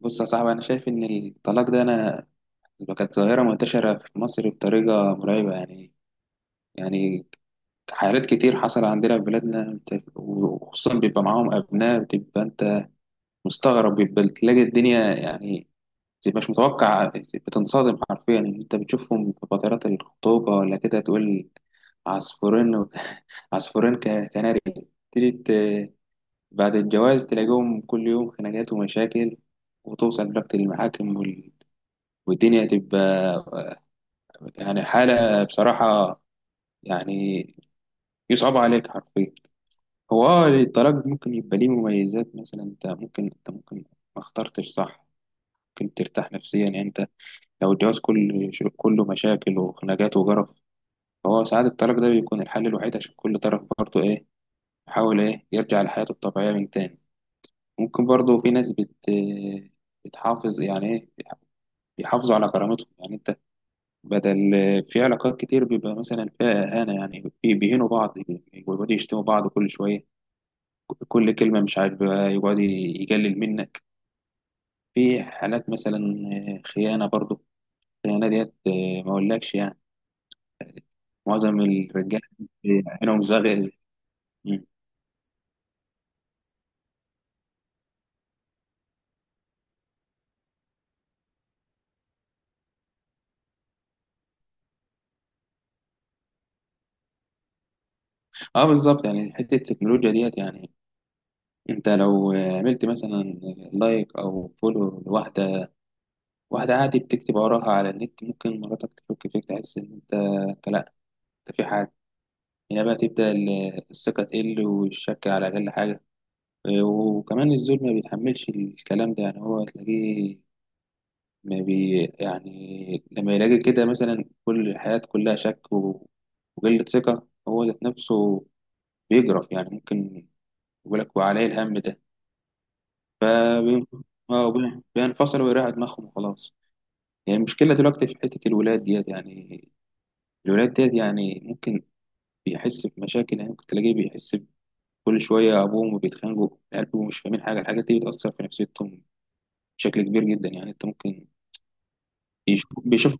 بص يا صاحبي، انا شايف ان الطلاق ده، انا كانت ظاهره منتشره في مصر بطريقه مرعبه. يعني حالات كتير حصل عندنا في بلادنا، وخصوصا بيبقى معاهم ابناء، بتبقى انت مستغرب. بيبقى تلاقي الدنيا يعني مش متوقع، بتنصدم حرفيا ان انت بتشوفهم في فترات الخطوبه ولا كده تقول عصفورين. عصفورين كناري. تيجي ت- بعد الجواز تلاقيهم كل يوم خناقات ومشاكل، وتوصل لوقت المحاكم، والدنيا هتبقى يعني حالة بصراحة يعني يصعب عليك حرفيا. هو اه الطلاق ممكن يبقى ليه مميزات، مثلا انت ممكن ما اخترتش صح. ممكن ترتاح نفسيا، يعني انت لو الجواز كله مشاكل وخناقات وجرف، فهو ساعات الطلاق ده بيكون الحل الوحيد، عشان كل طرف برضه ايه يحاول ايه يرجع لحياته الطبيعية من تاني. ممكن برضه في ناس بتحافظ يعني ايه، بيحافظوا على كرامتهم، يعني انت بدل في علاقات كتير بيبقى مثلا فيها إهانة، يعني بيهينوا بعض ويقعدوا يشتموا بعض كل شوية، كل كلمة مش عاجبها يقعد يجلل منك. في حالات مثلا خيانة برضو. الخيانة ديت ما أقولكش، يعني معظم الرجالة عينهم زاغية. مم. اه بالظبط، يعني حتة التكنولوجيا ديت يعني انت لو عملت مثلا لايك او فولو لواحدة، واحدة عادي بتكتب وراها على النت، ممكن مراتك تفك فيك، تحس ان انت لا، انت في حاجة. هنا بقى تبدأ الثقة تقل، والشك على أقل حاجة. وكمان الزول ما بيتحملش الكلام ده، يعني هو تلاقيه ما يعني لما يلاقي كده مثلا كل الحياة كلها شك وقلة ثقة هو ذات نفسه، بيجرف يعني ممكن يقول لك وعليه الهم ده، فبينفصل ويريح دماغهم وخلاص. يعني المشكلة دلوقتي في حتة الولاد ديت، يعني الولاد ديت يعني ممكن بيحس بمشاكل، يعني ممكن تلاقيه بيحس كل شوية أبوهم بيتخانقوا، قالوا مش فاهمين حاجة. الحاجات دي بتأثر في نفسيتهم بشكل كبير جدا، يعني أنت ممكن يشوف بيشوف.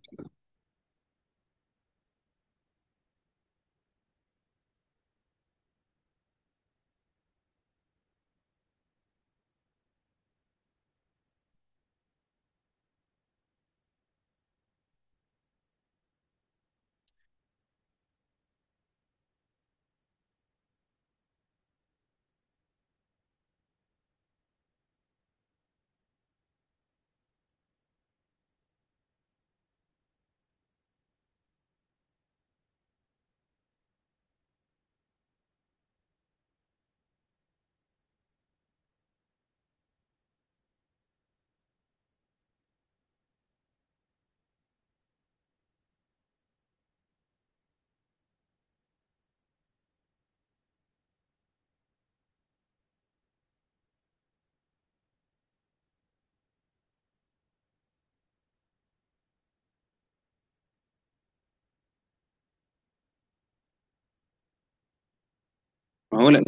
ما هو لا.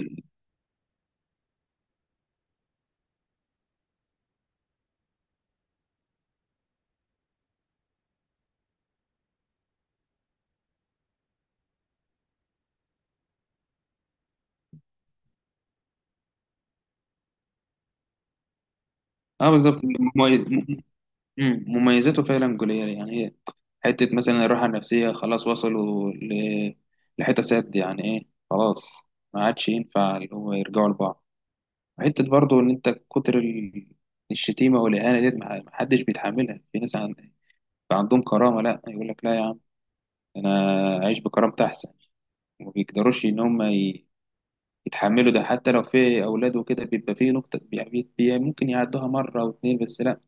أه بالظبط، مميزاته فعلا جولية. يعني هي حتة مثلا الراحة النفسية، خلاص وصلوا لحتة سد، يعني إيه، خلاص ما عادش ينفع اللي هو يرجعوا لبعض. حتة برضه إن أنت كتر ال- الشتيمة والإهانة ديت ما حدش بيتحملها. في ناس عندهم كرامة، لا يقول لك لا يا عم، أنا أعيش بكرامتي أحسن. وما بيقدروش ان هم يتحملوا ده حتى لو في اولاد، وكده بيبقى فيه نقطة ممكن يعدوها مرة واتنين بس لا،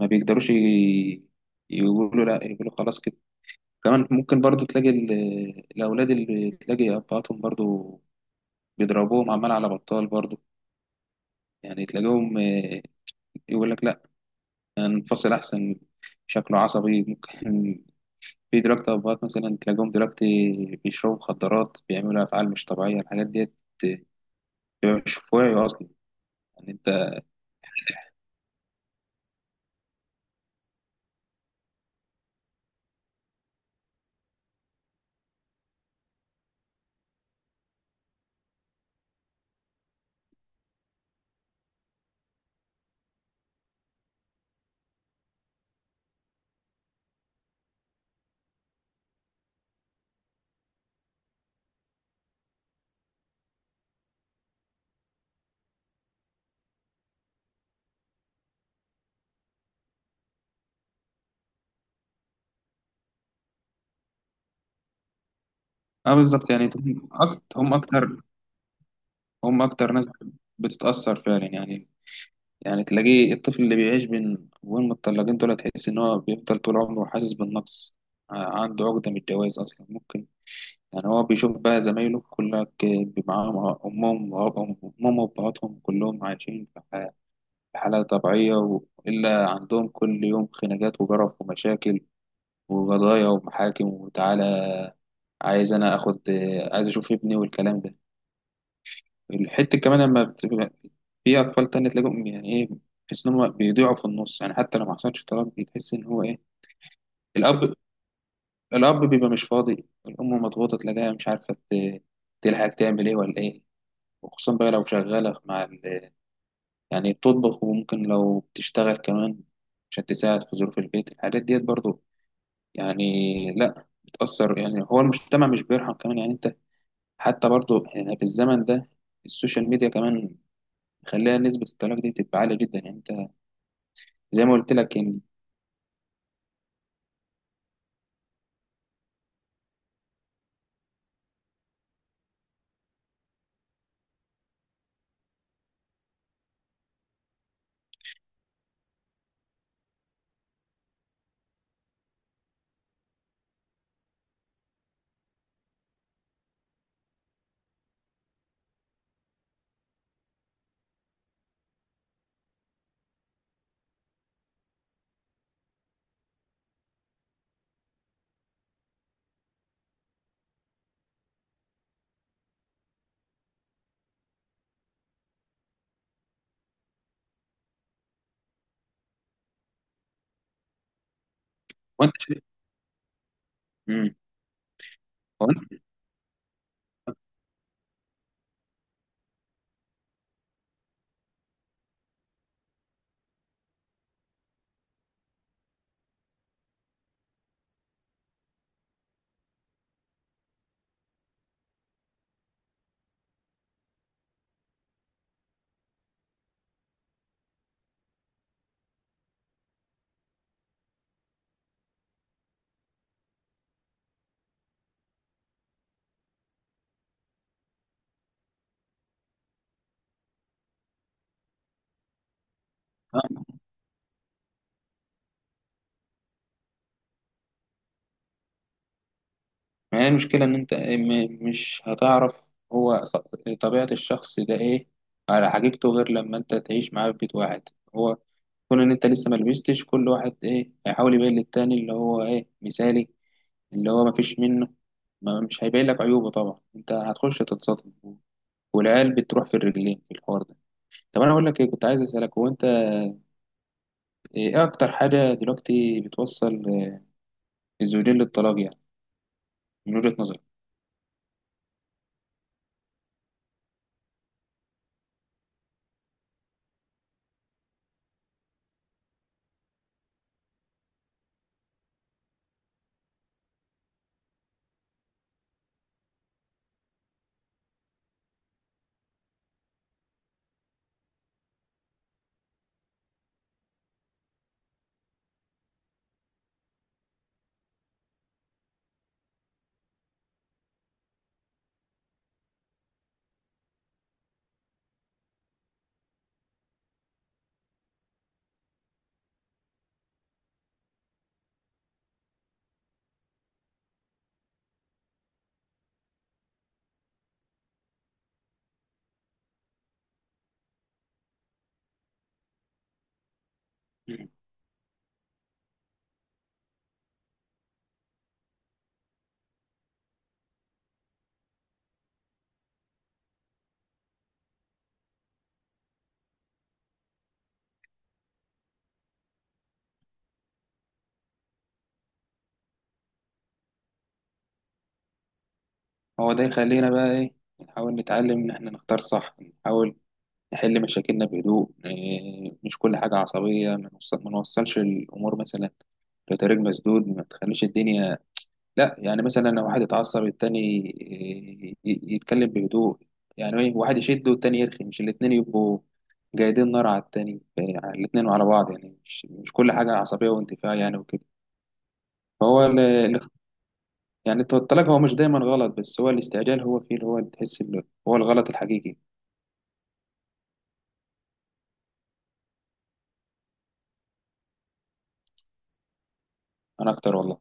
ما بيقدروش يقولوا لا، يقولوا خلاص كده. كمان ممكن برضو تلاقي الاولاد اللي تلاقي ابهاتهم برضو بيضربوهم عمال على بطال برضو. يعني تلاقيهم يقول لك لا، انفصل احسن، شكله عصبي ممكن. في دلوقتي ابهات مثلا تلاقيهم دلوقتي بيشربوا مخدرات، بيعملوا افعال مش طبيعيه، الحاجات ديت بيبقى مش في وعيه اصلا، يعني انت. اه بالظبط، يعني هم أكتر ناس بتتأثر فعلا. يعني يعني تلاقيه الطفل اللي بيعيش بين أبوين متطلقين دول، تحس إن هو بيفضل طول عمره حاسس بالنقص، عنده عقدة من الجواز أصلا ممكن. يعني هو بيشوف بقى زمايله كلك معاهم أمهم وأبهم، أمهم وأبهاتهم كلهم عايشين في حالة طبيعية، وإلا عندهم كل يوم خناقات وجرف ومشاكل وقضايا ومحاكم، وتعالى عايز أنا آخد، عايز أشوف ابني والكلام ده. الحتة كمان لما بتبقى في أطفال تانية تلاقيهم، يعني إيه، تحس إن هم بيضيعوا في النص. يعني حتى لو ما حصلش طلاق بتحس إن هو إيه الأب. الأب بيبقى مش فاضي، الأم مضغوطة تلاقيها مش عارفة تلحق تعمل إيه ولا إيه. وخصوصا بقى لو شغالة يعني بتطبخ، وممكن لو بتشتغل كمان عشان تساعد في ظروف البيت. الحاجات ديت برضو، يعني لأ بتأثر. يعني هو المجتمع مش بيرحم كمان، يعني أنت. حتى برضو يعني في الزمن ده السوشيال ميديا كمان خليها نسبة الطلاق دي تبقى عالية جدا، يعني زي ما قلت لك يعني. وانت شايف. امم وانت آه. ما هي المشكله ان انت إيه، مش هتعرف هو طبيعه الشخص ده ايه على حقيقته، غير لما انت تعيش معاه في بيت واحد. هو كون ان انت لسه ما لبستش، كل واحد ايه هيحاول يبين للتاني اللي هو ايه مثالي، اللي هو ما فيش منه، ما مش هيبين لك عيوبه طبعا. انت هتخش تتصدم والعيال بتروح في الرجلين في الحوار ده. طب انا اقول لك ايه، كنت عايز اسالك هو انت ايه اكتر حاجه دلوقتي بتوصل الزوجين للطلاق، يعني من وجهة نظرك؟ هو ده يخلينا بقى ايه، نحاول نتعلم ان احنا نختار صح، نحاول نحل مشاكلنا بهدوء، إيه، مش كل حاجة عصبية. ما نوصلش الامور مثلا لطريق مسدود، ما تخليش الدنيا لا. يعني مثلا لو واحد اتعصب التاني إيه، يتكلم بهدوء، يعني ايه، واحد يشد والتاني يرخي، مش الاتنين يبقوا جايدين نار على التاني إيه، على الاتنين وعلى بعض، يعني مش كل حاجة عصبية وانتفاع يعني وكده. فهو يعني التلج هو مش دايما غلط، بس هو الاستعجال هو فيه اللي هو اللي تحس اللي هو الغلط الحقيقي. انا اكتر والله.